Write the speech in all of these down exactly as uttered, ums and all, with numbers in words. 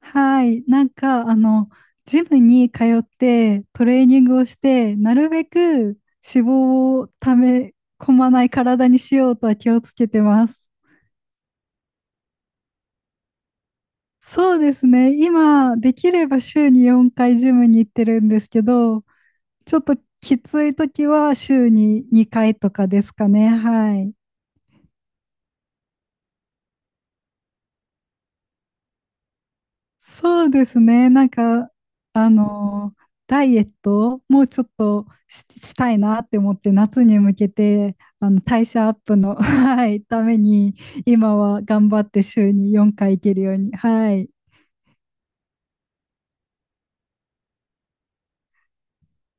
はい。なんか、あの、ジムに通ってトレーニングをして、なるべく脂肪をため込まない体にしようとは気をつけてます。そうですね。今、できれば週によんかいジムに行ってるんですけど、ちょっときつい時は週ににかいとかですかね。はい。そうですね。なんか、あのーダイエットをもうちょっとし、したいなって思って、夏に向けて、あの、代謝アップの、はい、ために、今は頑張って週によんかい行けるように。はい。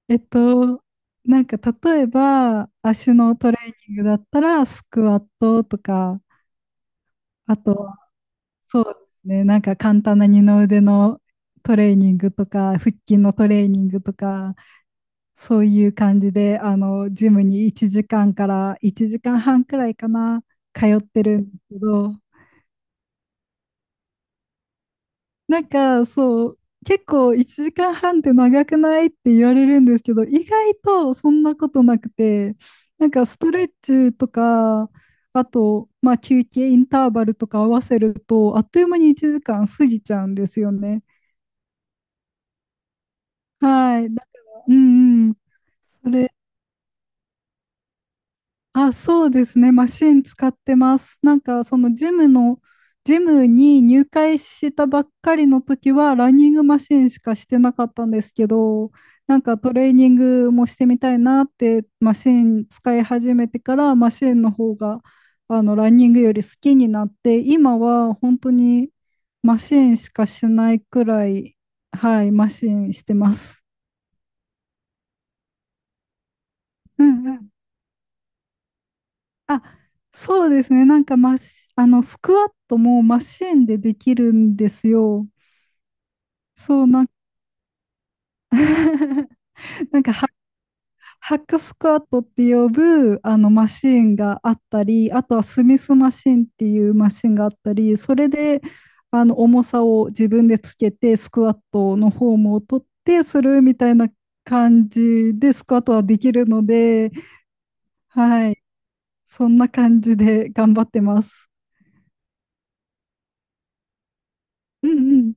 えっと、なんか、例えば、足のトレーニングだったら、スクワットとか、あとは、そうですね。なんか、簡単な二の腕のトレーニングとか、腹筋のトレーニングとか、そういう感じで、あの、ジムにいちじかんかんからいちじかんはんくらいかな、通ってるんですけど、なんかそう、結構いちじかんはんって長くないって言われるんですけど、意外とそんなことなくて、なんかストレッチとか、あと、まあ、休憩インターバルとか合わせると、あっという間にいちじかん過ぎちゃうんですよね。はい。だから、うんうん。それあ、そうですね。マシン使ってます。なんか、そのジムの、ジムに入会したばっかりの時は、ランニングマシンしかしてなかったんですけど、なんかトレーニングもしてみたいなって、マシン使い始めてから、マシンの方が、あの、ランニングより好きになって、今は本当にマシンしかしないくらい、はい、マシンしてます。うんうん。あ、そうですね。なんかマシ、あの、スクワットもマシンでできるんですよ。そう、なん なんかハ、ハックスクワットって呼ぶあのマシンがあったり、あとはスミスマシンっていうマシンがあったり、それであの重さを自分でつけて、スクワットのフォームを取ってするみたいな感じでスクワットはできるので、はい、そんな感じで頑張ってます。うんうん。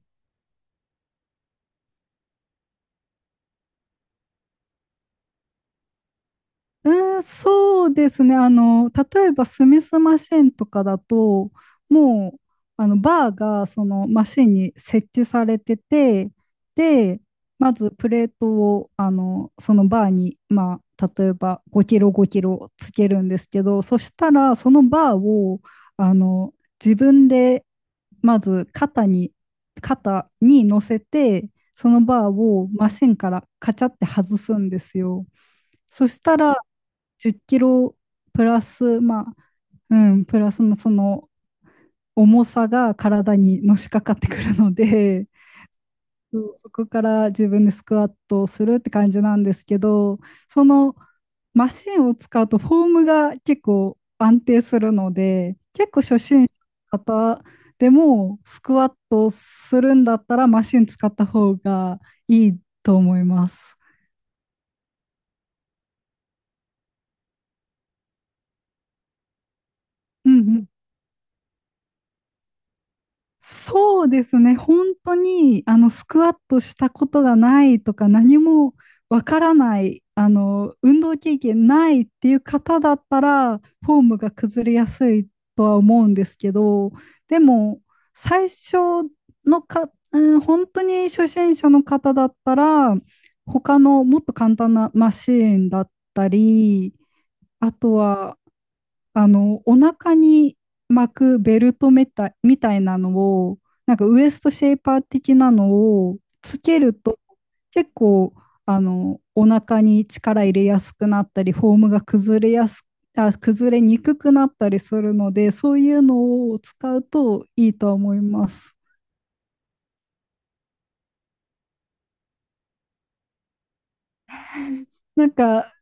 うーん、そうですね。あの、例えばスミスマシンとかだと、もう、あの、バーがそのマシンに設置されてて、で、まずプレートを、あの、そのバーに、まあ、例えばごキロごキロつけるんですけど、そしたら、そのバーを、あの、自分で、まず肩に、肩に乗せて、そのバーをマシンからカチャって外すんですよ。そしたら、じゅっキロプラス、まあ、うん、プラスのその重さが体にのしかかってくるので、そそこから自分でスクワットをするって感じなんですけど、そのマシンを使うとフォームが結構安定するので、結構初心者の方でもスクワットするんだったらマシン使った方がいいと思います。うんうん。そうですね。本当に、あの、スクワットしたことがないとか、何もわからない、あの、運動経験ないっていう方だったら、フォームが崩れやすいとは思うんですけど、でも、最初のか、うん、本当に初心者の方だったら、他のもっと簡単なマシーンだったり、あとは、あの、お腹に巻くベルトみたい、みたいなのを、なんかウエストシェイパー的なのをつけると、結構、あの、お腹に力入れやすくなったり、フォームが崩れやす、あ、崩れにくくなったりするので、そういうのを使うといいとは思います。なんか、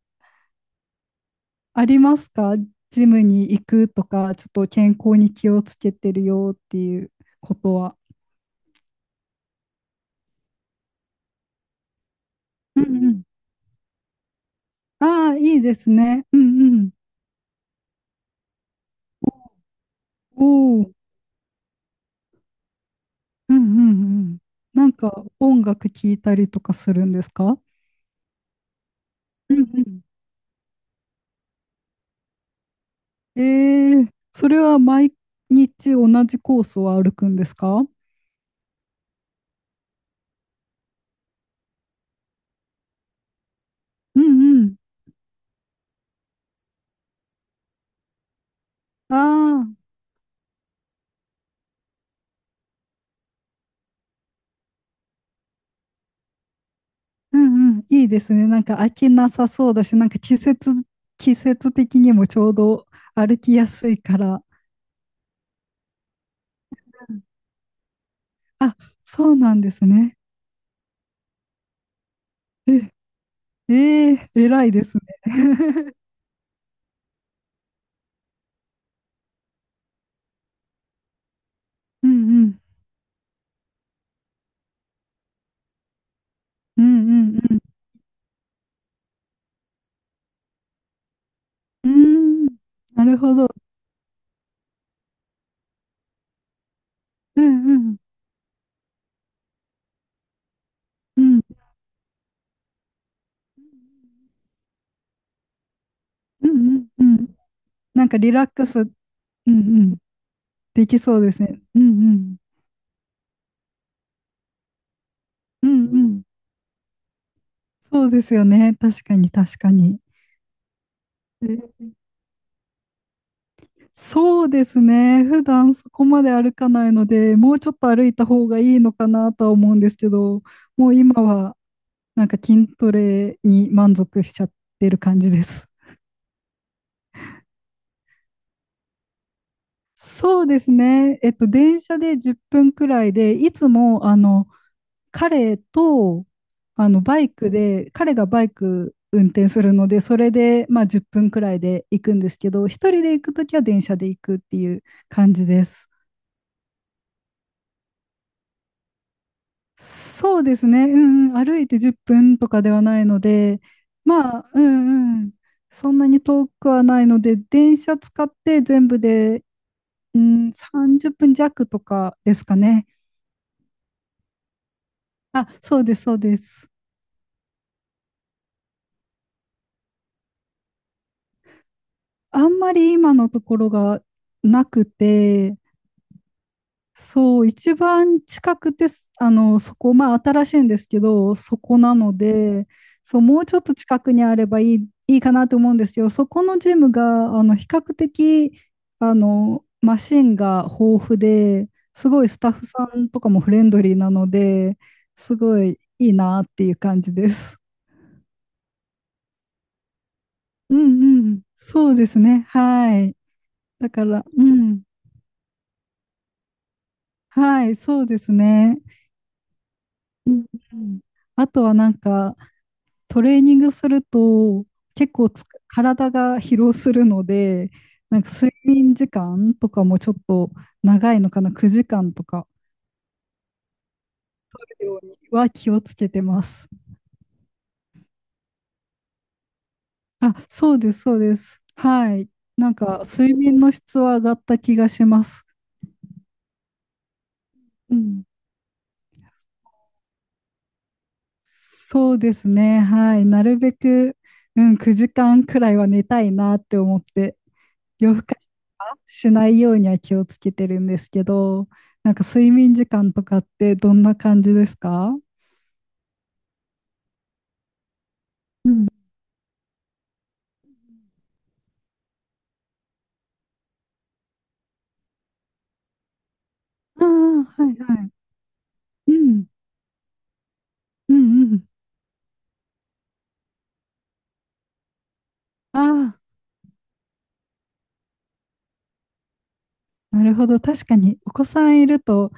ありますか？ジムに行くとか、ちょっと健康に気をつけてるよっていうことは。うんうん。ああ、いいですね。うんうん。おお、うんうんうん。なんか音楽聴いたりとかするんですか？うんうん。えー、それは毎日同じコースを歩くんですか？うんうん。ああ、うんうん。いいですね。なんか飽きなさそうだし、なんか季節、季節的にもちょうど歩きやすいから。あ、そうなんですね。え、えー、偉いですね。うんうん。うんうんうん。うーん。なるほど。うんうん。うんうんうんうん。なんかリラックス、うんうん、できそうですね。うんうん。うんうん。そうですよね。確かに確かに。え、そうですね。普段そこまで歩かないので、もうちょっと歩いた方がいいのかなとは思うんですけど、もう今はなんか筋トレに満足しちゃってる感じです。そうですね。えっと、電車でじゅっぷんくらいで、いつもあの、彼と、あの、バイクで、彼がバイク運転するので、それで、まあ、じゅっぷんくらいで行くんですけど、一人で行くときは電車で行くっていう感じです。そうですね。うんうん、歩いてじゅっぷんとかではないので、まあ、うんうん、そんなに遠くはないので、電車使って全部で、うん、さんじゅっぷん弱とかですかね。あ、そうです、そうです。あんまり今のところがなくて、そう、一番近くて、すあの、そこ、まあ新しいんですけど、そこなので、そう、もうちょっと近くにあればいい、いいかなと思うんですけど、そこのジムが、あの、比較的、あの、マシンが豊富で、すごいスタッフさんとかもフレンドリーなので、すごいいいなっていう感じです。うんうん、そうですね。はい。だから、うん、はい、そうですね。うんうん、あとはなんか、トレーニングすると結構つく体が疲労するので、なんか睡眠時間とかもちょっと長いのかな、くじかんとかようには気をつけてます。あ、そうです、そうです。はい。なんか睡眠の質は上がった気がします。うん。そうですね。はい。なるべく、うん、くじかんくらいは寝たいなって思って夜更かしはしないようには気をつけてるんですけど、なんか睡眠時間とかってどんな感じですか？うん。ああ、はいはい。うん。うんうん。ああ、なるほど。確かにお子さんいると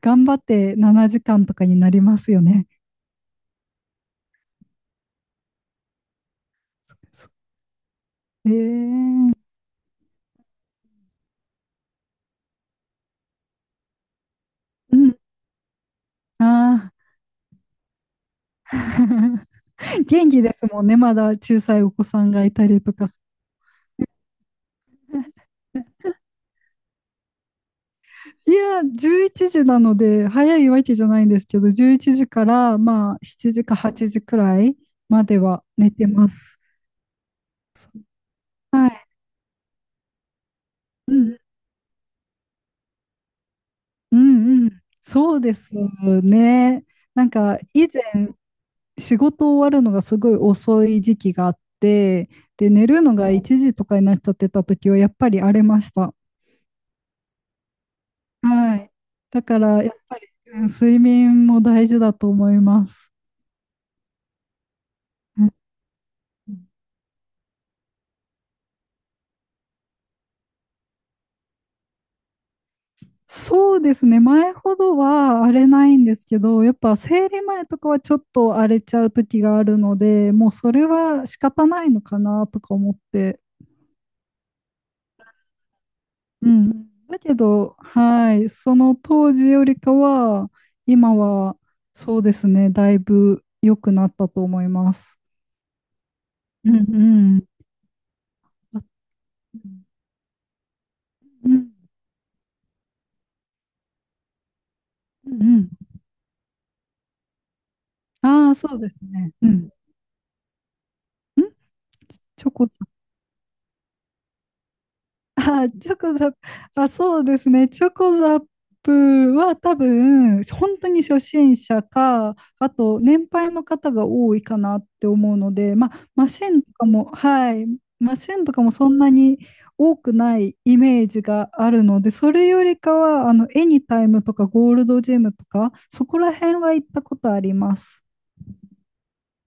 頑張ってしちじかんとかになりますよね。ええー。うん。ああ。元気ですもんね。まだ小さいお子さんがいたりとか。いや、じゅういちじなので、早いわけじゃないんですけど、じゅういちじから、まあ、しちじかはちじくらいまでは寝てます。はい。うん、うん、うん。そうですね。なんか、以前、仕事終わるのがすごい遅い時期があって、で、寝るのがいちじとかになっちゃってた時は、やっぱり荒れました。はい。だから、やっぱり、うん睡眠も大事だと思います。うん。そうですね。前ほどは荒れないんですけど、やっぱ生理前とかはちょっと荒れちゃう時があるので、もうそれは仕方ないのかなとか思って。うん。だけど、はい。その当時よりかは、今はそうですね。だいぶ良くなったと思います。うんうん。あ、うんうんうん。ああ、そうですね。うん。んチョコあ、チョコザップ、あ、そうですね。チョコザップは多分、本当に初心者か、あと、年配の方が多いかなって思うので、まあ、マシンとかも、はい、マシンとかもそんなに多くないイメージがあるので、それよりかは、あの、エニタイムとかゴールドジムとか、そこら辺は行ったことあります。